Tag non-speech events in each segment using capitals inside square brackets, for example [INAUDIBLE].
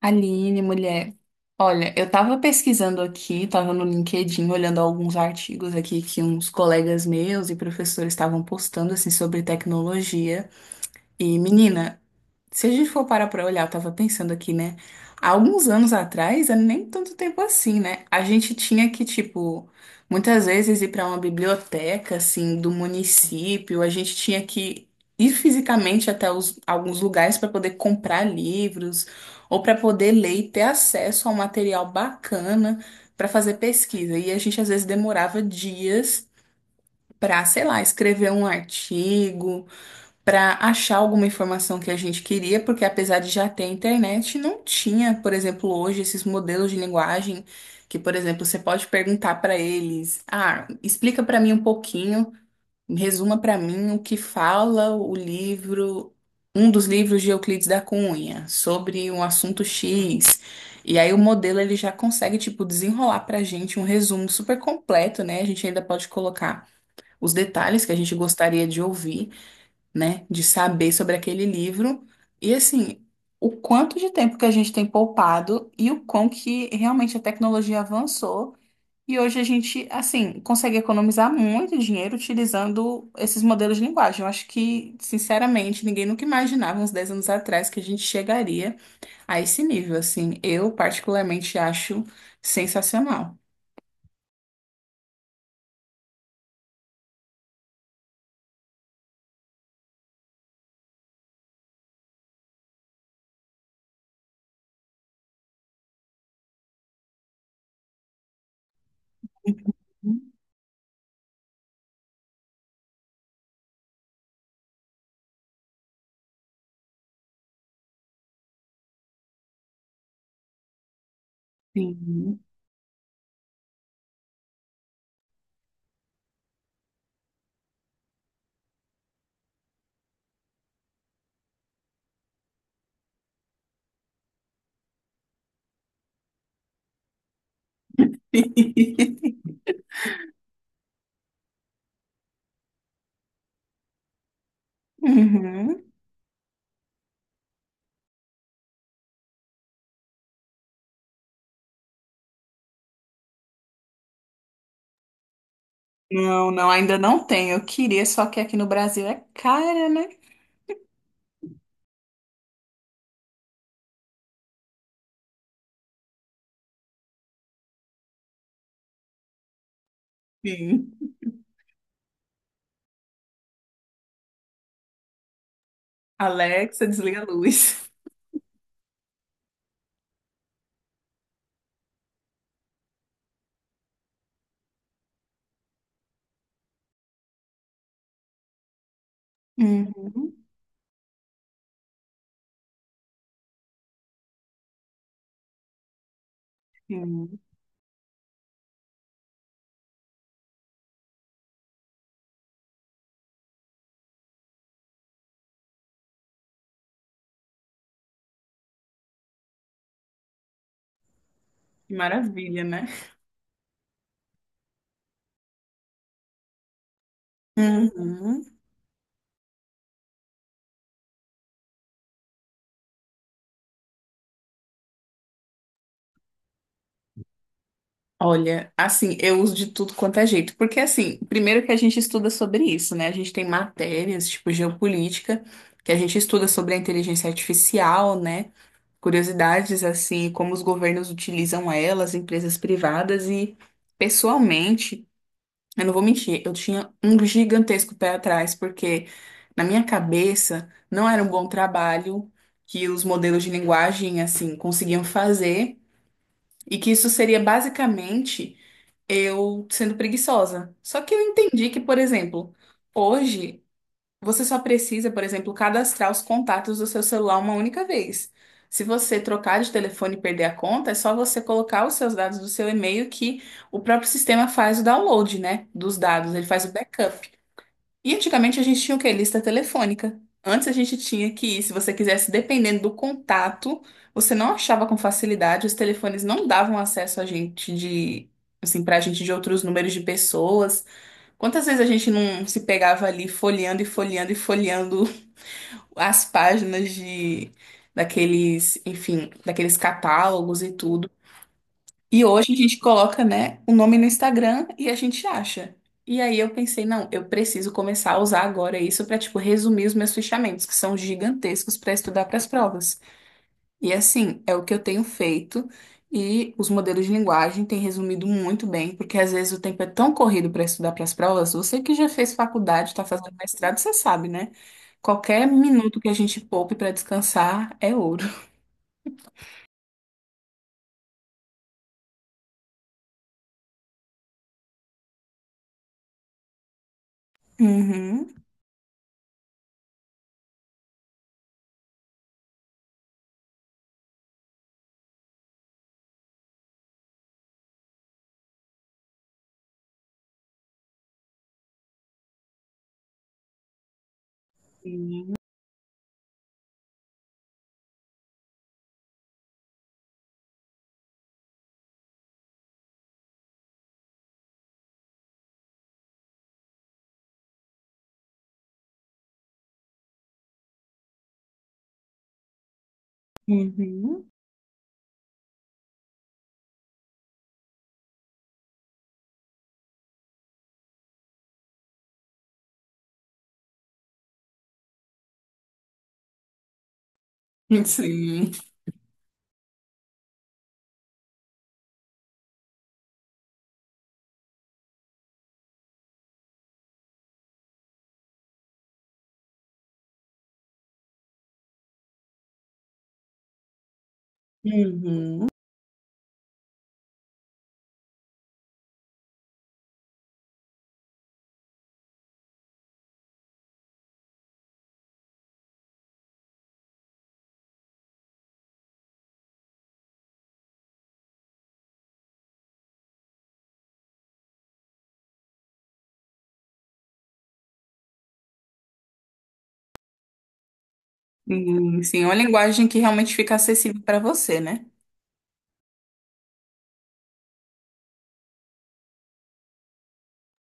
Aline, mulher. Olha, eu tava pesquisando aqui, tava no LinkedIn olhando alguns artigos aqui que uns colegas meus e professores estavam postando assim sobre tecnologia. E, menina, se a gente for parar pra olhar, eu tava pensando aqui, né? Há alguns anos atrás, é nem tanto tempo assim, né? A gente tinha que, tipo, muitas vezes ir pra uma biblioteca, assim, do município, a gente tinha que ir fisicamente alguns lugares para poder comprar livros ou para poder ler e ter acesso a um material bacana para fazer pesquisa. E a gente às vezes demorava dias para, sei lá, escrever um artigo para achar alguma informação que a gente queria, porque apesar de já ter internet, não tinha, por exemplo, hoje esses modelos de linguagem que, por exemplo, você pode perguntar para eles: "Ah, explica para mim um pouquinho, resuma para mim o que fala o livro, um dos livros de Euclides da Cunha, sobre um assunto X". E aí o modelo ele já consegue tipo desenrolar para a gente um resumo super completo, né? A gente ainda pode colocar os detalhes que a gente gostaria de ouvir, né? De saber sobre aquele livro. E assim, o quanto de tempo que a gente tem poupado e o quão que realmente a tecnologia avançou. E hoje a gente, assim, consegue economizar muito dinheiro utilizando esses modelos de linguagem. Eu acho que, sinceramente, ninguém nunca imaginava uns 10 anos atrás que a gente chegaria a esse nível, assim. Eu, particularmente, acho sensacional. Sim. [LAUGHS] Uhum. Não, não, ainda não tem. Eu queria, só que aqui no Brasil é cara, né? Sim. Alexa, desliga a luz. Uhum. Sim. Que maravilha, né? Uhum. Olha, assim, eu uso de tudo quanto é jeito, porque assim, primeiro que a gente estuda sobre isso, né? A gente tem matérias, tipo geopolítica, que a gente estuda sobre a inteligência artificial, né? Curiosidades, assim, como os governos utilizam elas, empresas privadas e, pessoalmente, eu não vou mentir, eu tinha um gigantesco pé atrás, porque na minha cabeça não era um bom trabalho que os modelos de linguagem assim conseguiam fazer e que isso seria basicamente eu sendo preguiçosa. Só que eu entendi que, por exemplo, hoje você só precisa, por exemplo, cadastrar os contatos do seu celular uma única vez. Se você trocar de telefone e perder a conta, é só você colocar os seus dados do seu e-mail que o próprio sistema faz o download, né, dos dados, ele faz o backup. E antigamente a gente tinha o quê? Lista telefônica. Antes a gente tinha que ir, se você quisesse, dependendo do contato, você não achava com facilidade, os telefones não davam acesso a gente de, assim, pra gente de outros números de pessoas. Quantas vezes a gente não se pegava ali folheando e folheando e folheando as páginas de daqueles, enfim, daqueles catálogos e tudo. E hoje a gente coloca, né, o nome no Instagram e a gente acha. E aí eu pensei, não, eu preciso começar a usar agora isso para, tipo, resumir os meus fichamentos, que são gigantescos para estudar para as provas. E assim, é o que eu tenho feito e os modelos de linguagem têm resumido muito bem, porque às vezes o tempo é tão corrido para estudar para as provas. Você que já fez faculdade, está fazendo mestrado, você sabe, né? Qualquer minuto que a gente poupe para descansar é ouro. Uhum. Uhum. Sim. Uhum. Sim, é uma linguagem que realmente fica acessível para você, né?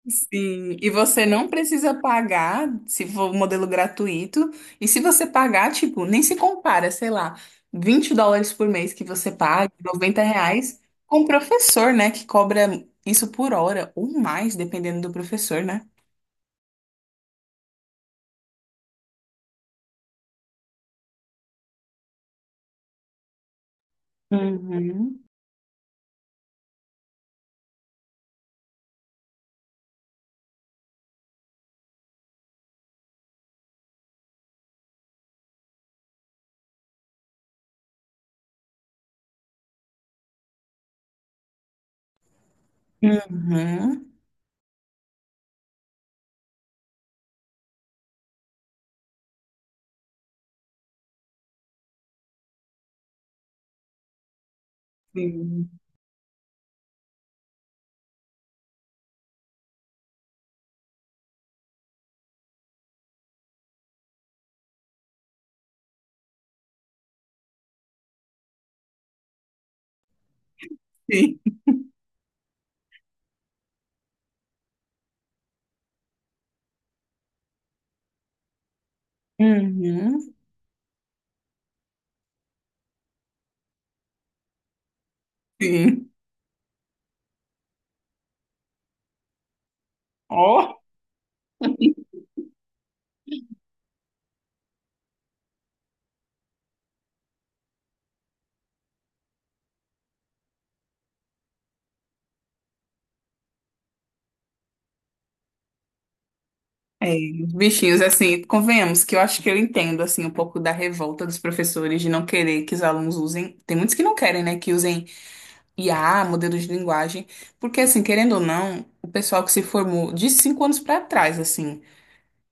Sim, e você não precisa pagar se for um modelo gratuito. E se você pagar, tipo, nem se compara, sei lá, 20 dólares por mês que você paga, 90 reais, com o professor, né, que cobra isso por hora ou mais, dependendo do professor, né? Uhum. Uhum. Sim. Sim. Uhum. Sim. Ó. É, os bichinhos, assim, convenhamos que eu acho que eu entendo, assim, um pouco da revolta dos professores de não querer que os alunos usem. Tem muitos que não querem, né, que usem IA, modelos de linguagem, porque, assim, querendo ou não, o pessoal que se formou de 5 anos pra trás, assim,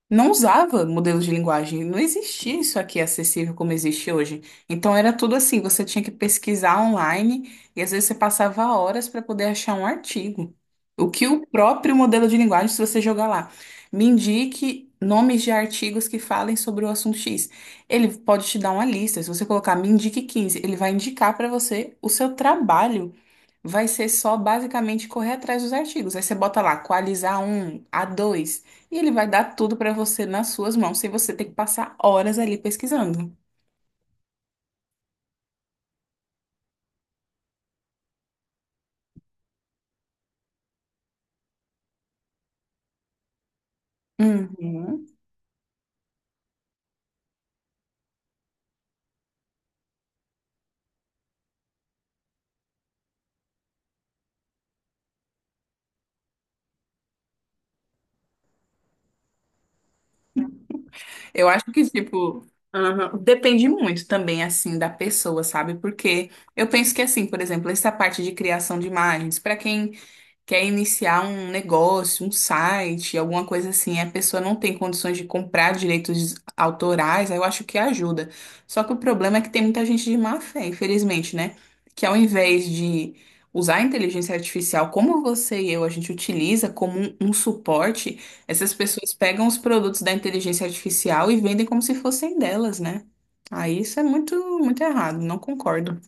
não usava modelos de linguagem, não existia isso aqui acessível como existe hoje. Então era tudo assim, você tinha que pesquisar online e às vezes você passava horas para poder achar um artigo. O que o próprio modelo de linguagem, se você jogar lá, me indique nomes de artigos que falem sobre o assunto X. Ele pode te dar uma lista, se você colocar me indique 15, ele vai indicar para você, o seu trabalho vai ser só basicamente correr atrás dos artigos. Aí você bota lá, Qualis a um, a dois, e ele vai dar tudo para você nas suas mãos, sem você ter que passar horas ali pesquisando. Uhum. Eu acho que, tipo, aham, depende muito também, assim, da pessoa, sabe? Porque eu penso que, assim, por exemplo, essa parte de criação de imagens, para quem quer iniciar um negócio, um site, alguma coisa assim, a pessoa não tem condições de comprar direitos autorais, aí eu acho que ajuda. Só que o problema é que tem muita gente de má fé, infelizmente, né? Que ao invés de usar a inteligência artificial como você e eu, a gente utiliza como um suporte, essas pessoas pegam os produtos da inteligência artificial e vendem como se fossem delas, né? Aí isso é muito, muito errado, não concordo.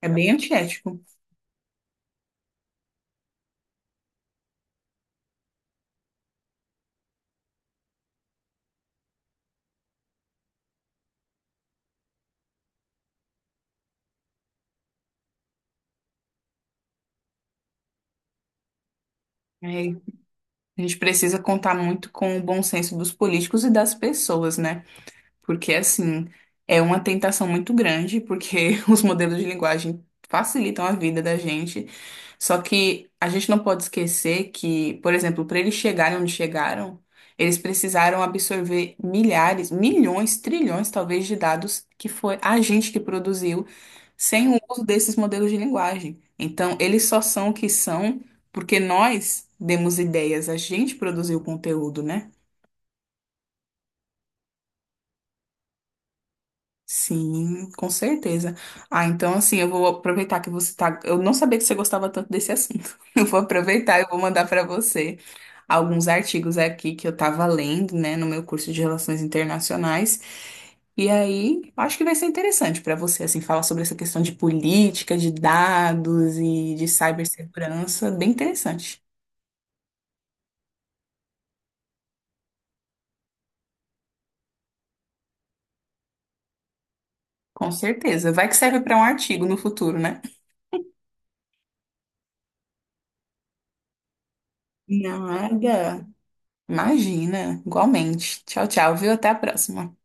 É bem antiético. É. A gente precisa contar muito com o bom senso dos políticos e das pessoas, né? Porque, assim, é uma tentação muito grande, porque [LAUGHS] os modelos de linguagem facilitam a vida da gente. Só que a gente não pode esquecer que, por exemplo, para eles chegarem onde chegaram, eles precisaram absorver milhares, milhões, trilhões, talvez, de dados que foi a gente que produziu sem o uso desses modelos de linguagem. Então, eles só são o que são porque nós demos ideias, a gente produziu o conteúdo, né? Sim, com certeza. Ah, então assim, eu vou aproveitar que você tá. Eu não sabia que você gostava tanto desse assunto. [LAUGHS] Eu vou aproveitar e vou mandar para você alguns artigos aqui que eu tava lendo, né, no meu curso de Relações Internacionais. E aí, acho que vai ser interessante para você assim falar sobre essa questão de política, de dados e de cibersegurança, bem interessante. Com certeza. Vai que serve para um artigo no futuro, né? Nada. Imagina. Igualmente. Tchau, tchau, viu? Até a próxima.